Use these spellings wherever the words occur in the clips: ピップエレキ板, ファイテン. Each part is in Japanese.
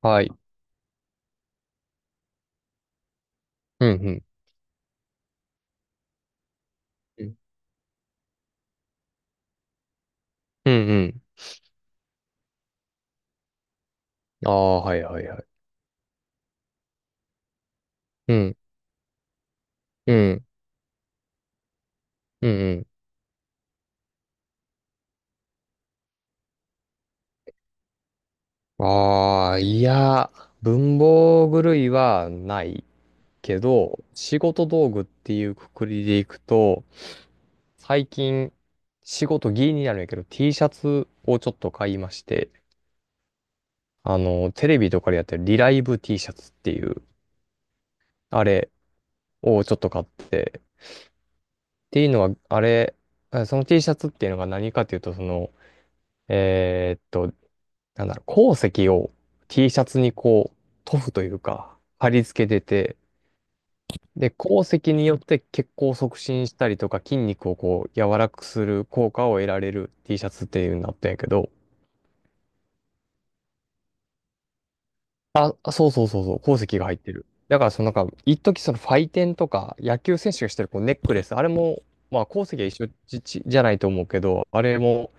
はい。うんうん。うんうんうん。ああ、はいはいはい。うん。うん。うんうん。ああ、いや、文房具類はないけど、仕事道具っていうくくりでいくと、最近、仕事ギリになるんやけど、T シャツをちょっと買いまして、テレビとかでやってるリライブ T シャツっていう、あれをちょっと買って、っていうのは、あれ、その T シャツっていうのが何かっていうと、その、えーっと、なんだろう、鉱石を T シャツにこう、塗布というか、貼り付けてて、で、鉱石によって血行を促進したりとか、筋肉をこう、柔らかくする効果を得られる T シャツっていうのになったんやけど、あ、そうそうそうそう、鉱石が入ってる。だから、そのなんか、一時そのファイテンとか、野球選手がしてるこうネックレス、あれも、まあ、鉱石は一緒じゃないと思うけど、あれも、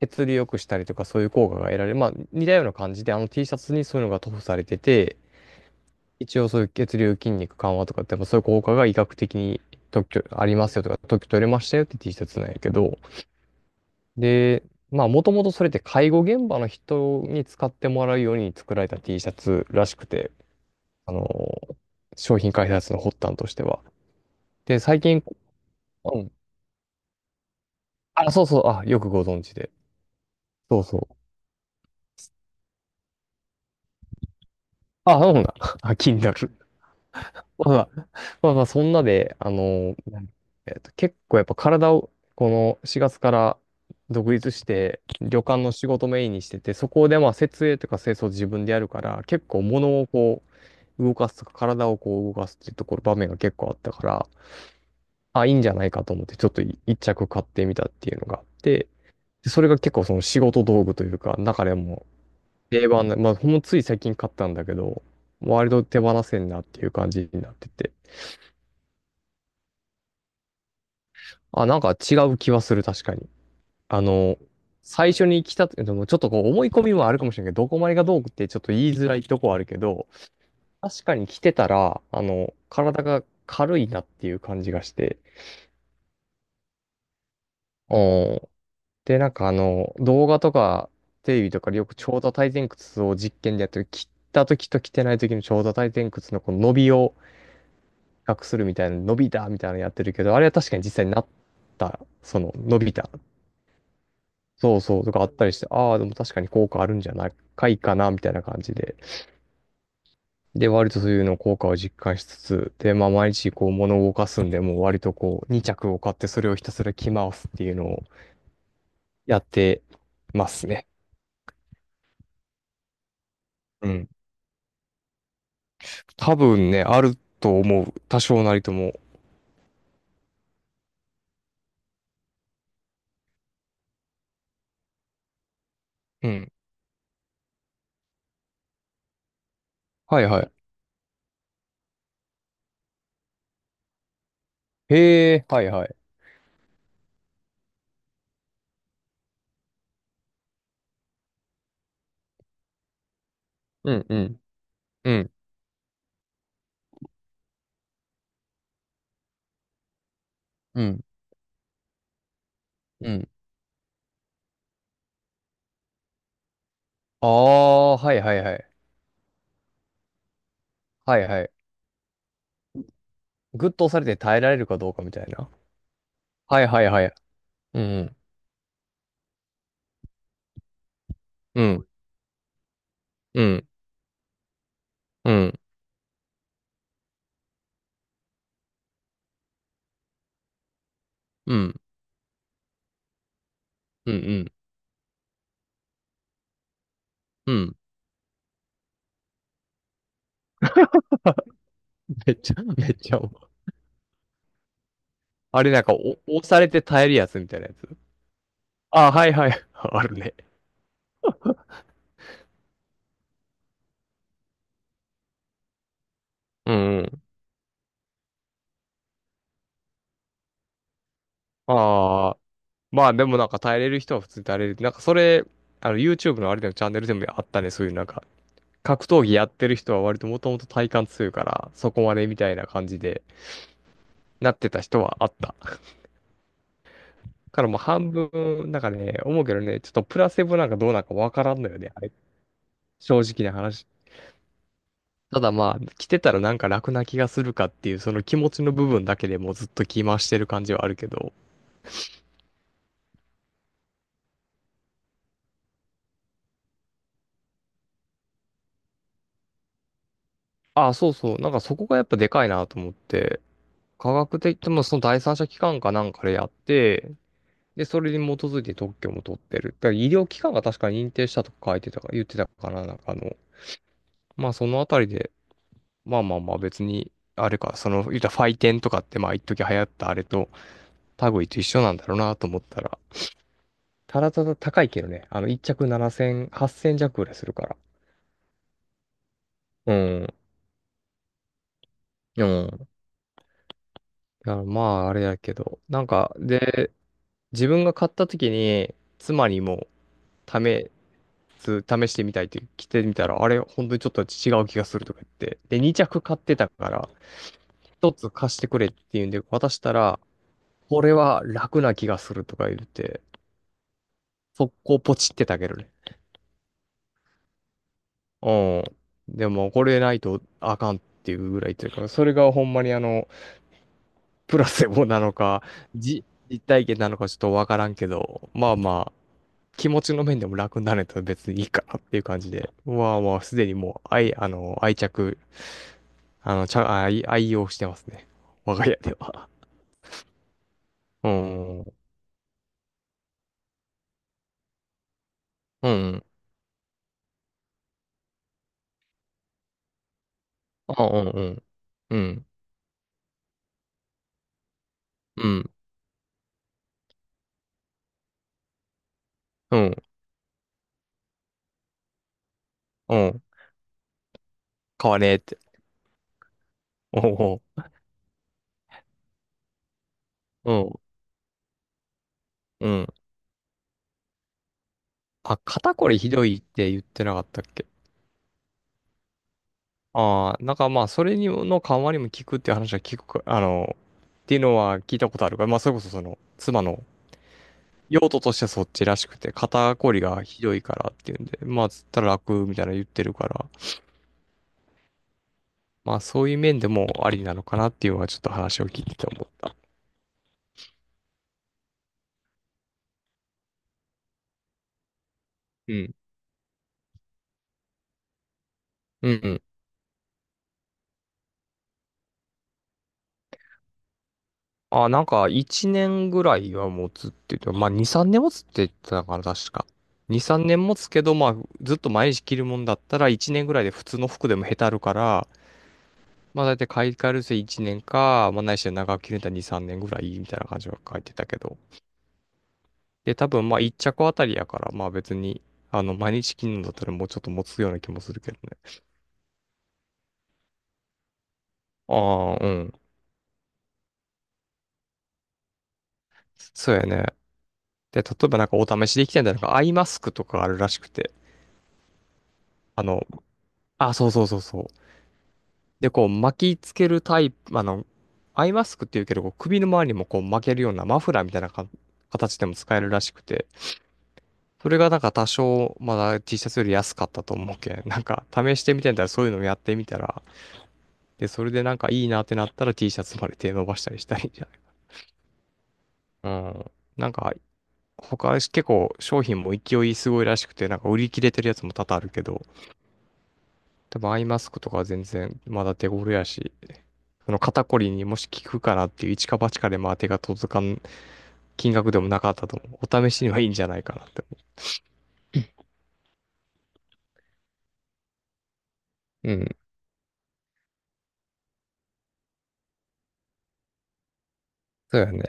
血流良くしたりとか、そういう効果が得られる。まあ、似たような感じで、あの T シャツにそういうのが塗布されてて、一応そういう血流筋肉緩和とかって、まあそういう効果が医学的に特許ありますよとか、特許取れましたよって T シャツなんやけど、で、まあもともとそれって介護現場の人に使ってもらうように作られた T シャツらしくて、あの、商品開発の発端としては。で、最近、うん。あ、そうそう、あ、よくご存知で。そうそう。あ、そうなんだ。あ、気になる。ままあ、そんなで、結構やっぱ体を、この4月から独立して、旅館の仕事メインにしてて、そこでまあ、設営とか清掃自分でやるから、結構物をこう、動かすとか、体をこう動かすっていうところ、場面が結構あったから、あ、いいんじゃないかと思って、ちょっと一着買ってみたっていうのがあって、でそれが結構その仕事道具というか、中でも定番な、まあ、ほんのつい最近買ったんだけど、割と手放せんなっていう感じになってて、あ、なんか違う気はする、確かに。あの、最初に来た、でもちょっとこう思い込みもあるかもしれないけど、どこまでがどうってちょっと言いづらいとこはあるけど、確かに来てたら、あの、体が軽いなっていう感じがして。おんで、なんかあの、動画とかテレビとかでよく長座体前屈を実験でやってる、切った時と着てない時の長座体前屈のこの伸びを比較するみたいな、伸びたみたいなのやってるけど、あれは確かに実際になった、その伸びた、そうそうとかあったりして、ああ、でも確かに効果あるんじゃないかな、みたいな感じで。で、割とそういうの効果を実感しつつ、で、まあ、毎日こう物を動かすんで、もう割とこう2着を買ってそれをひたすら着回すっていうのをやってますね。うん。多分ね、あると思う。多少なりとも。うん。はいはい。へえ、はいはい。うんうん。うん。うん。うん。ああ、はいはいはい。はいはい。グッと押されて耐えられるかどうかみたいな。はいはいはい。うん。うん。うん。うん。うん。うん。うん。うん。めっちゃ、めっちゃあれなんか押されて耐えるやつみたいなやつ。ああ、はいはい。あるね。うんうん。ああ。まあでもなんか耐えれる人は普通に耐えれる。なんかそれ、あの YouTube のあれでもチャンネルでもあったね。そういうなんか、格闘技やってる人は割ともともと体幹強いから、そこまでみたいな感じでなってた人はあった。だからもう半分、なんかね、思うけどね、ちょっとプラセボなんかどうなんかわからんのよね。あれ、正直な話。ただまあ、来てたらなんか楽な気がするかっていう、その気持ちの部分だけでもうずっと気回してる感じはあるけど。あ、そうそう。なんかそこがやっぱでかいなと思って、科学的ともその第三者機関かなんかでやって、で、それに基づいて特許も取ってる。だから医療機関が確か認定したとか書いてたか、言ってたかな、なんかあの、まあそのあたりで、まあまあまあ別に、あれか、その、言ったらファイテンとかってまあ一時流行ったあれと類と一緒なんだろうなと思ったら、ただただ高いけどね、あの、一着7,000、8,000弱ぐらいするから。うん。うん。いやまあ、あれやけど。なんか、で、自分が買った時に、妻にも試試してみたいって着てみたら、あれ、本当にちょっと違う気がするとか言って。で、2着買ってたから、1つ貸してくれっていうんで渡したら、これは楽な気がするとか言って、速攻ポチってたけどね。うん。でも、これないとあかんっていうぐらいというから、それがほんまにあの、プラセボなのか、じ、実体験なのかちょっとわからんけど、まあまあ気持ちの面でも楽になるとだ別にいいかなっていう感じで、うわあもうすでにもう、愛、あの、愛着、あの、ちゃ、愛、愛用してますね。我が家では。うん、うん、あ、うん、うん、うん、うん、うん、うん、買わねえって。おうんう、うん、うん。あ、肩こりひどいって言ってなかったっけ？ああ、なんかまあ、それにの緩和にも効くっていう話は聞くか、あの、っていうのは聞いたことあるから、まあ、それこそその、妻の用途としてはそっちらしくて、肩こりがひどいからっていうんで、まあ、つったら楽みたいなの言ってるから、まあ、そういう面でもありなのかなっていうのはちょっと話を聞いてて思った。うん。うんうん。あ、なんか、1年ぐらいは持つって言って、まあ、2、3年持つって言ってたから、確か。2、3年持つけど、まあ、ずっと毎日着るもんだったら、1年ぐらいで普通の服でもへたるから、まあ、だいたい買い替えるせ1年か、まあ、ないしは長く着るんだたら2、3年ぐらいみたいな感じは書いてたけど。で、多分まあ一着あたりやから、まあ別に、あの、毎日着なんだったらもうちょっと持つような気もするけどね。ああ、うん。そうやね。で、例えばなんかお試しできてんだよなんかアイマスクとかあるらしくて。あの、あ、そうそうそうそう。で、こう巻きつけるタイプ、あの、アイマスクっていうけど、こう首の周りにもこう巻けるようなマフラーみたいな形でも使えるらしくて。それがなんか多少まだ T シャツより安かったと思うけん。なんか試してみてんだらそういうのもやってみたら、で、それでなんかいいなってなったら T シャツまで手伸ばしたりしたりいんじゃない。うん。なんか、他結構商品も勢いすごいらしくて、なんか売り切れてるやつも多々あるけど、多分アイマスクとかは全然まだ手頃やし、その肩こりにもし効くかなっていう一か八かでまあ手が届かん金額でもなかったと思う。お試しにはいいんじゃないかなって思う。うん。そうやね。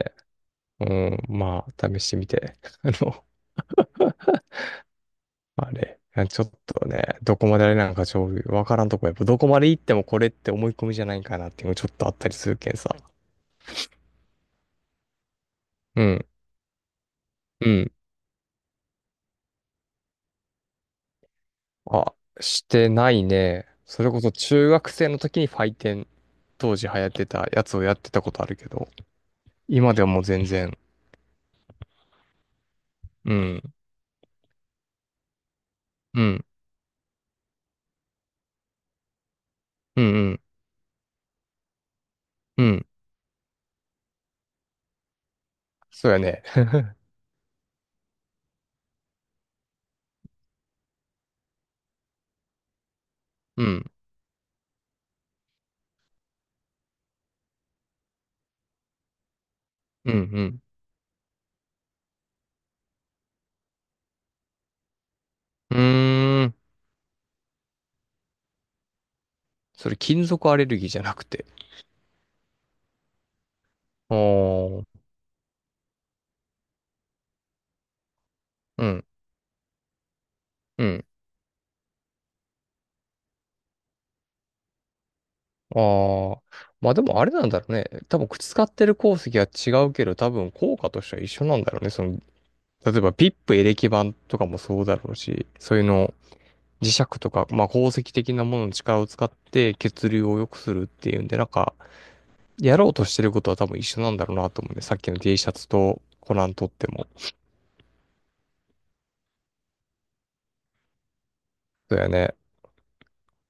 うん。まあ、試してみて。あの、まあれ、ちょっとね、どこまであれなんかわからんとこ、やっぱどこまで行ってもこれって思い込みじゃないかなっていうのちょっとあったりするけんさ。うん、うん。あ、してないね。それこそ中学生の時にファイテン、当時流行ってたやつをやってたことあるけど、今ではもう全然、うん、うん、うん、うん、うん。そうやね。うん、うん、うん。うーん。それ金属アレルギーじゃなくて。おー、うん、うん。ああ。まあでもあれなんだろうね。多分口使ってる鉱石は違うけど、多分効果としては一緒なんだろうね。その、例えばピップエレキ板とかもそうだろうし、そういうの、磁石とか、まあ鉱石的なものの力を使って血流を良くするっていうんで、なんか、やろうとしてることは多分一緒なんだろうなと思うね。さっきの T シャツとコナンとっても。そうやね。